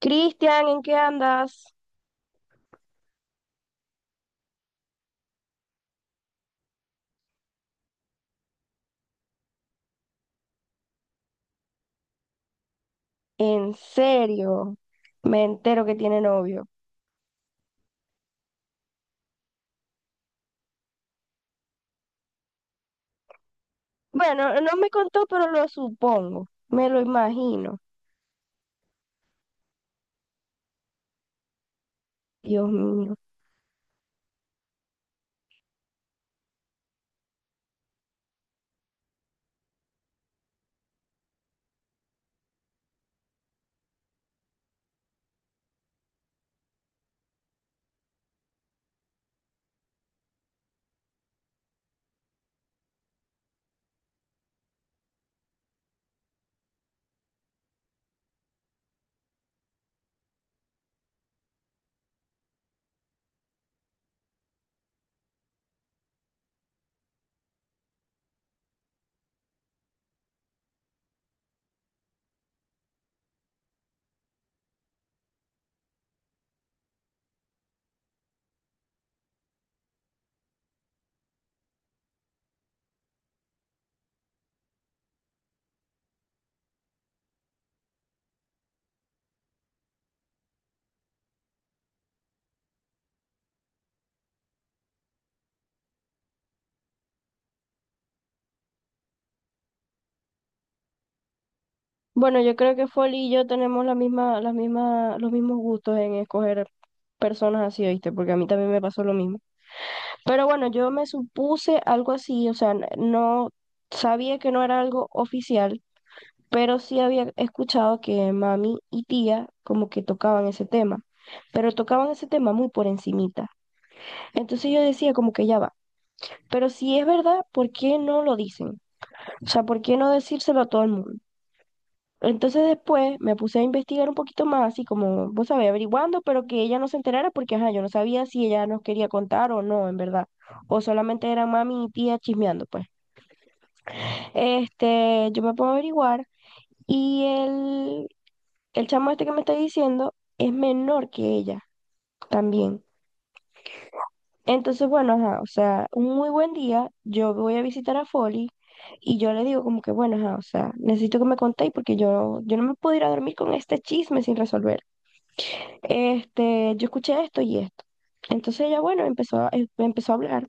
Cristian, ¿en qué andas? En serio, me entero que tiene novio. Bueno, no me contó, pero lo supongo, me lo imagino. Dios mío. Bueno, yo creo que Folly y yo tenemos la misma, las mismas, los mismos gustos en escoger personas así, ¿oíste? Porque a mí también me pasó lo mismo. Pero bueno, yo me supuse algo así, o sea, no sabía que no era algo oficial, pero sí había escuchado que mami y tía como que tocaban ese tema, pero tocaban ese tema muy por encimita. Entonces yo decía como que ya va, pero si es verdad, ¿por qué no lo dicen? O sea, ¿por qué no decírselo a todo el mundo? Entonces después me puse a investigar un poquito más, así como, vos sabés, averiguando, pero que ella no se enterara porque, ajá, yo no sabía si ella nos quería contar o no, en verdad. O solamente eran mami y tía chismeando, pues. Este, yo me pongo a averiguar y el chamo este que me está diciendo es menor que ella también. Entonces, bueno, ajá, o sea, un muy buen día, yo voy a visitar a Folly y yo le digo como que, bueno, ajá, o sea, necesito que me contéis porque yo no me puedo ir a dormir con este chisme sin resolver. Este, yo escuché esto y esto. Entonces ella, bueno, empezó, empezó a hablar.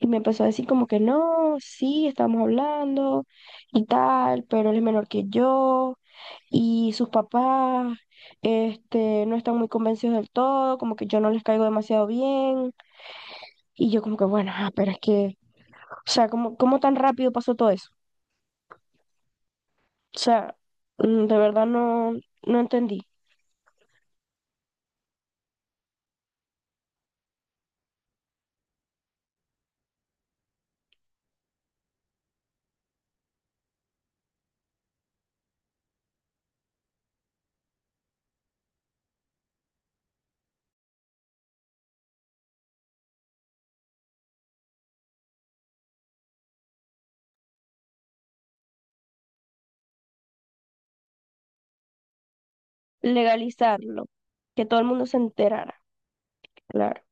Y me empezó a decir como que no, sí, estamos hablando y tal, pero él es menor que yo y sus papás, este, no están muy convencidos del todo, como que yo no les caigo demasiado bien. Y yo como que, bueno, ah, pero es que, o sea, ¿cómo tan rápido pasó todo eso? O sea, de verdad no, no entendí. Legalizarlo, que todo el mundo se enterara, claro.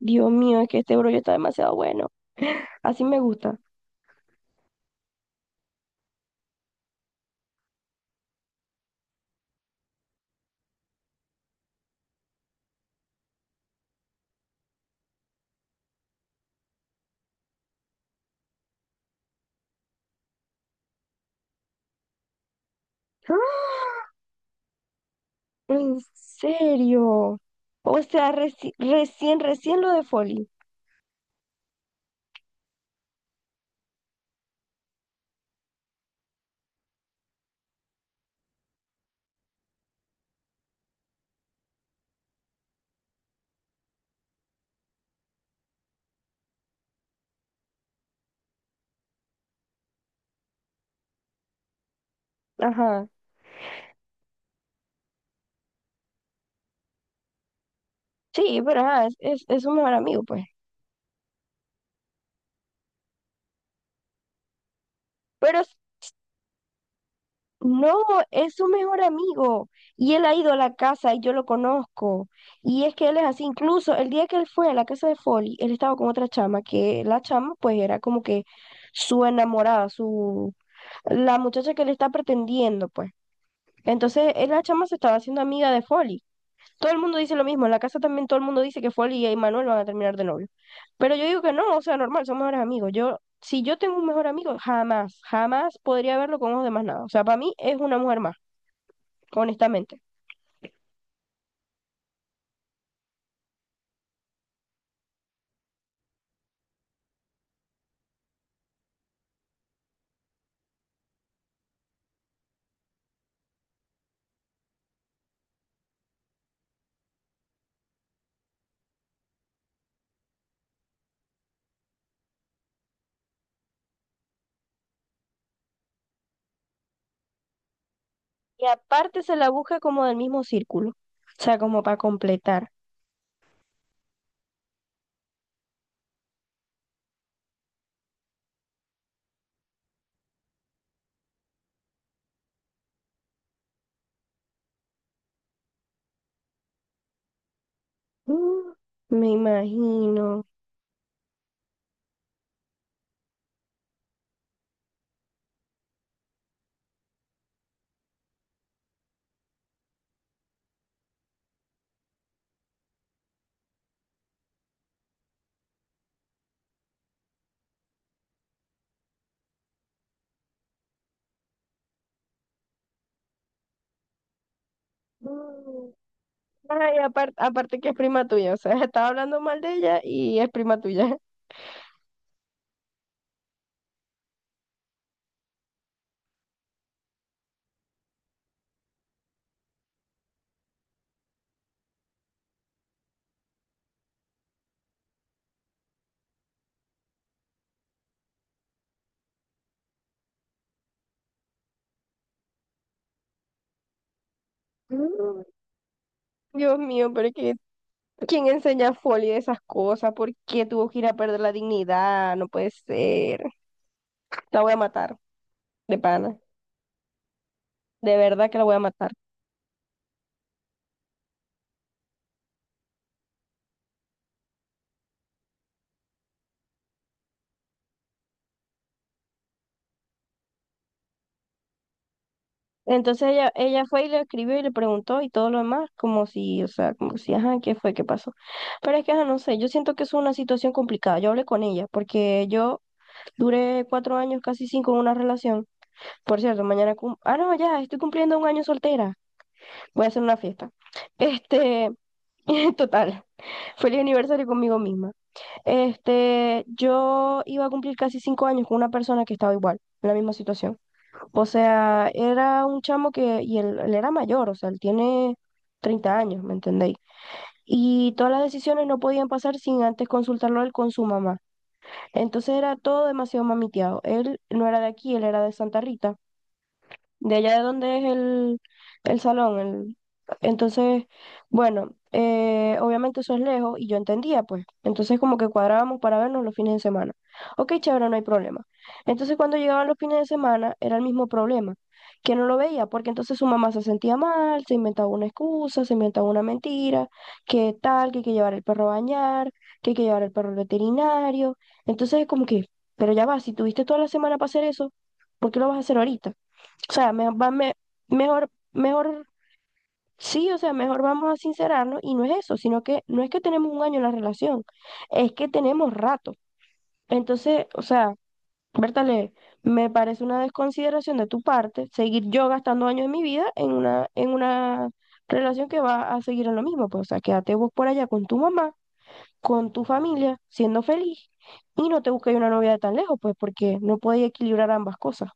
Dios mío, es que este brollo está demasiado bueno. Así me gusta. En serio. O sea, recién lo de Folly. Ajá. Sí, pero ajá, es su mejor amigo, pues. Pero s- no, es su mejor amigo. Y él ha ido a la casa y yo lo conozco. Y es que él es así. Incluso el día que él fue a la casa de Folly, él estaba con otra chama, que la chama, pues, era como que su enamorada, su la muchacha que le está pretendiendo, pues. Entonces, él, la chama se estaba haciendo amiga de Folly. Todo el mundo dice lo mismo, en la casa también todo el mundo dice que Folly y Manuel van a terminar de novio. Pero yo digo que no, o sea, normal, son mejores amigos. Yo, si yo tengo un mejor amigo, jamás, jamás podría verlo con ojos de más nada. O sea, para mí es una mujer más, honestamente. Y aparte se la busca como del mismo círculo, o sea, como para completar. Mm, Me imagino. Mm. Ay, aparte, aparte que es prima tuya, o sea, estaba hablando mal de ella y es prima tuya. Mm. Dios mío, pero es que ¿quién enseña folio de esas cosas? ¿Por qué tuvo que ir a perder la dignidad? No puede ser. La voy a matar, de pana. De verdad que la voy a matar. Entonces ella fue y le escribió y le preguntó y todo lo demás, como si, o sea, como si, ajá, ¿qué fue? ¿Qué pasó? Pero es que, ajá, no sé, yo siento que es una situación complicada. Yo hablé con ella porque yo duré 4 años, casi 5, en una relación. Por cierto, mañana, cum- ah, no, ya, estoy cumpliendo un año soltera. Voy a hacer una fiesta. Este, total, feliz aniversario conmigo misma. Este, yo iba a cumplir casi 5 años con una persona que estaba igual, en la misma situación. O sea, era un chamo que, él era mayor, o sea, él tiene 30 años, ¿me entendéis? Y todas las decisiones no podían pasar sin antes consultarlo él con su mamá. Entonces era todo demasiado mamiteado. Él no era de aquí, él era de Santa Rita de allá de donde es el salón. Entonces, bueno, obviamente eso es lejos y yo entendía, pues. Entonces como que cuadrábamos para vernos los fines de semana. Ok, chévere, no hay problema. Entonces cuando llegaban los fines de semana era el mismo problema, que no lo veía, porque entonces su mamá se sentía mal, se inventaba una excusa, se inventaba una mentira, que tal, que hay que llevar el perro a bañar, que hay que llevar el perro al veterinario. Entonces es como que, pero ya va, si tuviste toda la semana para hacer eso, ¿por qué lo vas a hacer ahorita? O sea, mejor, mejor, sí, o sea, mejor vamos a sincerarnos y no es eso, sino que no es que tenemos un año en la relación, es que tenemos rato. Entonces, o sea, Bertale, me parece una desconsideración de tu parte seguir yo gastando años de mi vida en en una relación que va a seguir en lo mismo. Pues, o sea, quédate vos por allá con tu mamá, con tu familia, siendo feliz. Y no te busques una novia de tan lejos, pues, porque no podéis equilibrar ambas cosas.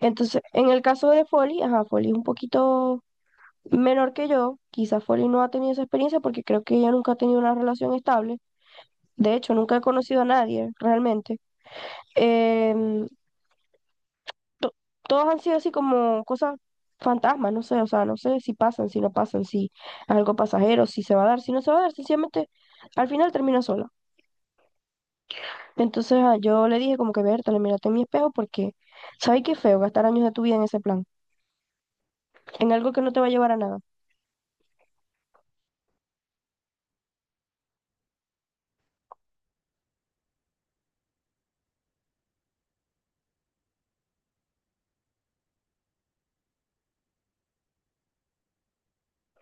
Entonces, en el caso de Folly, ajá, Folly es un poquito menor que yo, quizá Folly no ha tenido esa experiencia porque creo que ella nunca ha tenido una relación estable. De hecho, nunca he conocido a nadie realmente. Em, to- todos han sido así como cosas fantasmas, no sé, o sea, no sé si pasan, si no pasan, si es algo pasajero, si se va a dar, si no se va a dar, sencillamente al final termina sola. Entonces ah, yo le dije como que, Berta, le mírate en mi espejo porque, ¿sabes qué feo gastar años de tu vida en ese plan? En algo que no te va a llevar a nada.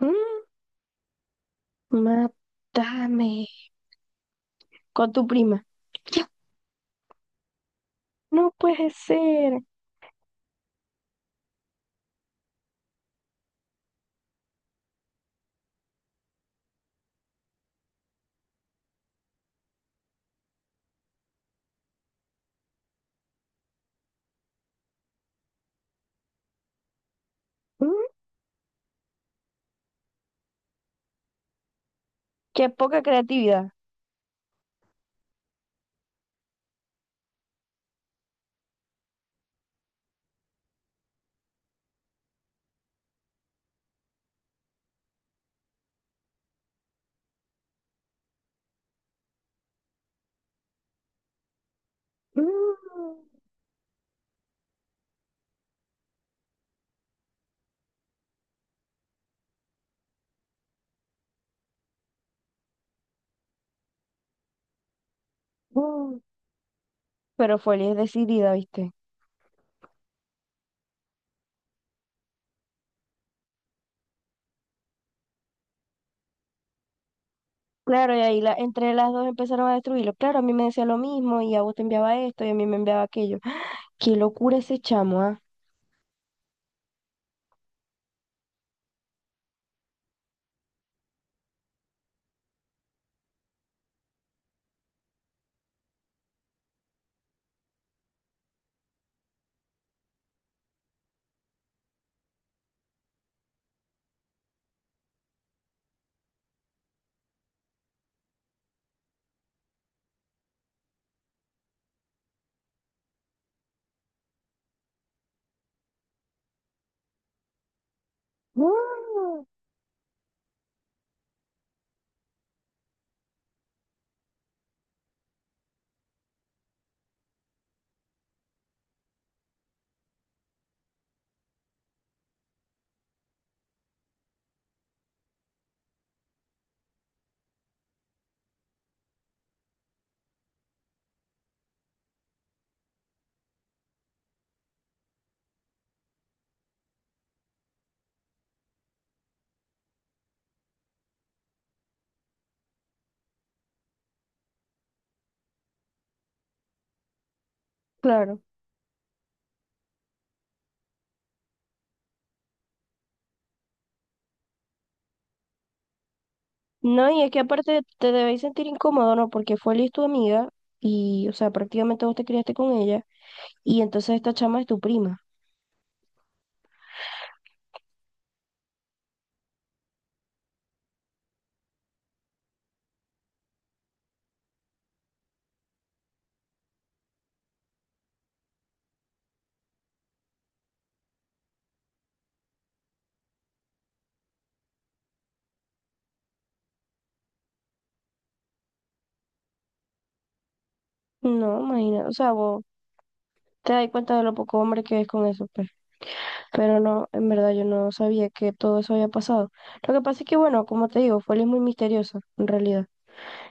Mm, mátame con tu prima. No puede ser. Mm, qué poca creatividad. Mm, mm. Pero Foley es decidida, ¿viste? Claro, y ahí la, entre las dos empezaron a destruirlo. Claro, a mí me decía lo mismo y a vos te enviaba esto y a mí me enviaba aquello. ¡Ah! Qué locura ese chamo, ¿ah? Mm, claro. No, y es que aparte te debéis sentir incómodo, ¿no? Porque Foley es tu amiga y, o sea, prácticamente vos te criaste con ella y entonces esta chama es tu prima. No, imagina, o sea, vos te das cuenta de lo poco hombre que es con eso, pues. Pero no, en verdad yo no sabía que todo eso había pasado. Lo que pasa es que, bueno, como te digo, fue muy misteriosa, en realidad.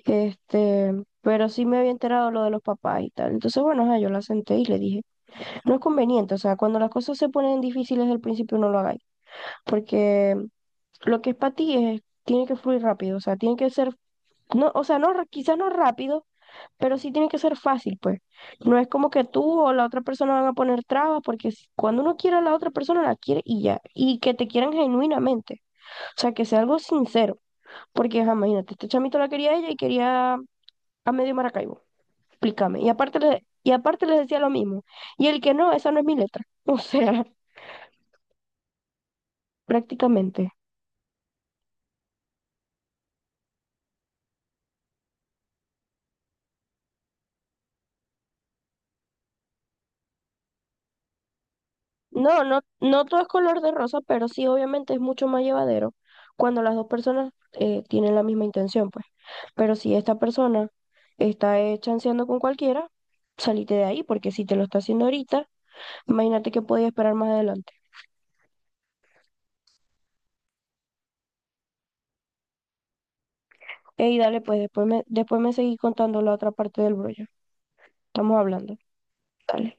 Este, pero sí me había enterado lo de los papás y tal. Entonces, bueno, ajá, yo la senté y le dije, no es conveniente, o sea, cuando las cosas se ponen difíciles al principio no lo hagáis, porque lo que es para ti es, tiene que fluir rápido, o sea, tiene que ser, no, o sea, no, quizás no rápido, pero sí tiene que ser fácil, pues. No es como que tú o la otra persona van a poner trabas, porque cuando uno quiere a la otra persona, la quiere y ya. Y que te quieran genuinamente. O sea, que sea algo sincero. Porque, ajá, imagínate, este chamito la quería a ella y quería a medio Maracaibo. Explícame. Y y aparte les decía lo mismo. Y el que no, esa no es mi letra. O sea, prácticamente. No, no todo es color de rosa, pero sí, obviamente es mucho más llevadero cuando las dos personas tienen la misma intención, pues. Pero si esta persona está chanceando con cualquiera, salite de ahí, porque si te lo está haciendo ahorita, imagínate que podía esperar más adelante. Ey, dale, pues después me seguí contando la otra parte del brollo. Estamos hablando. Dale.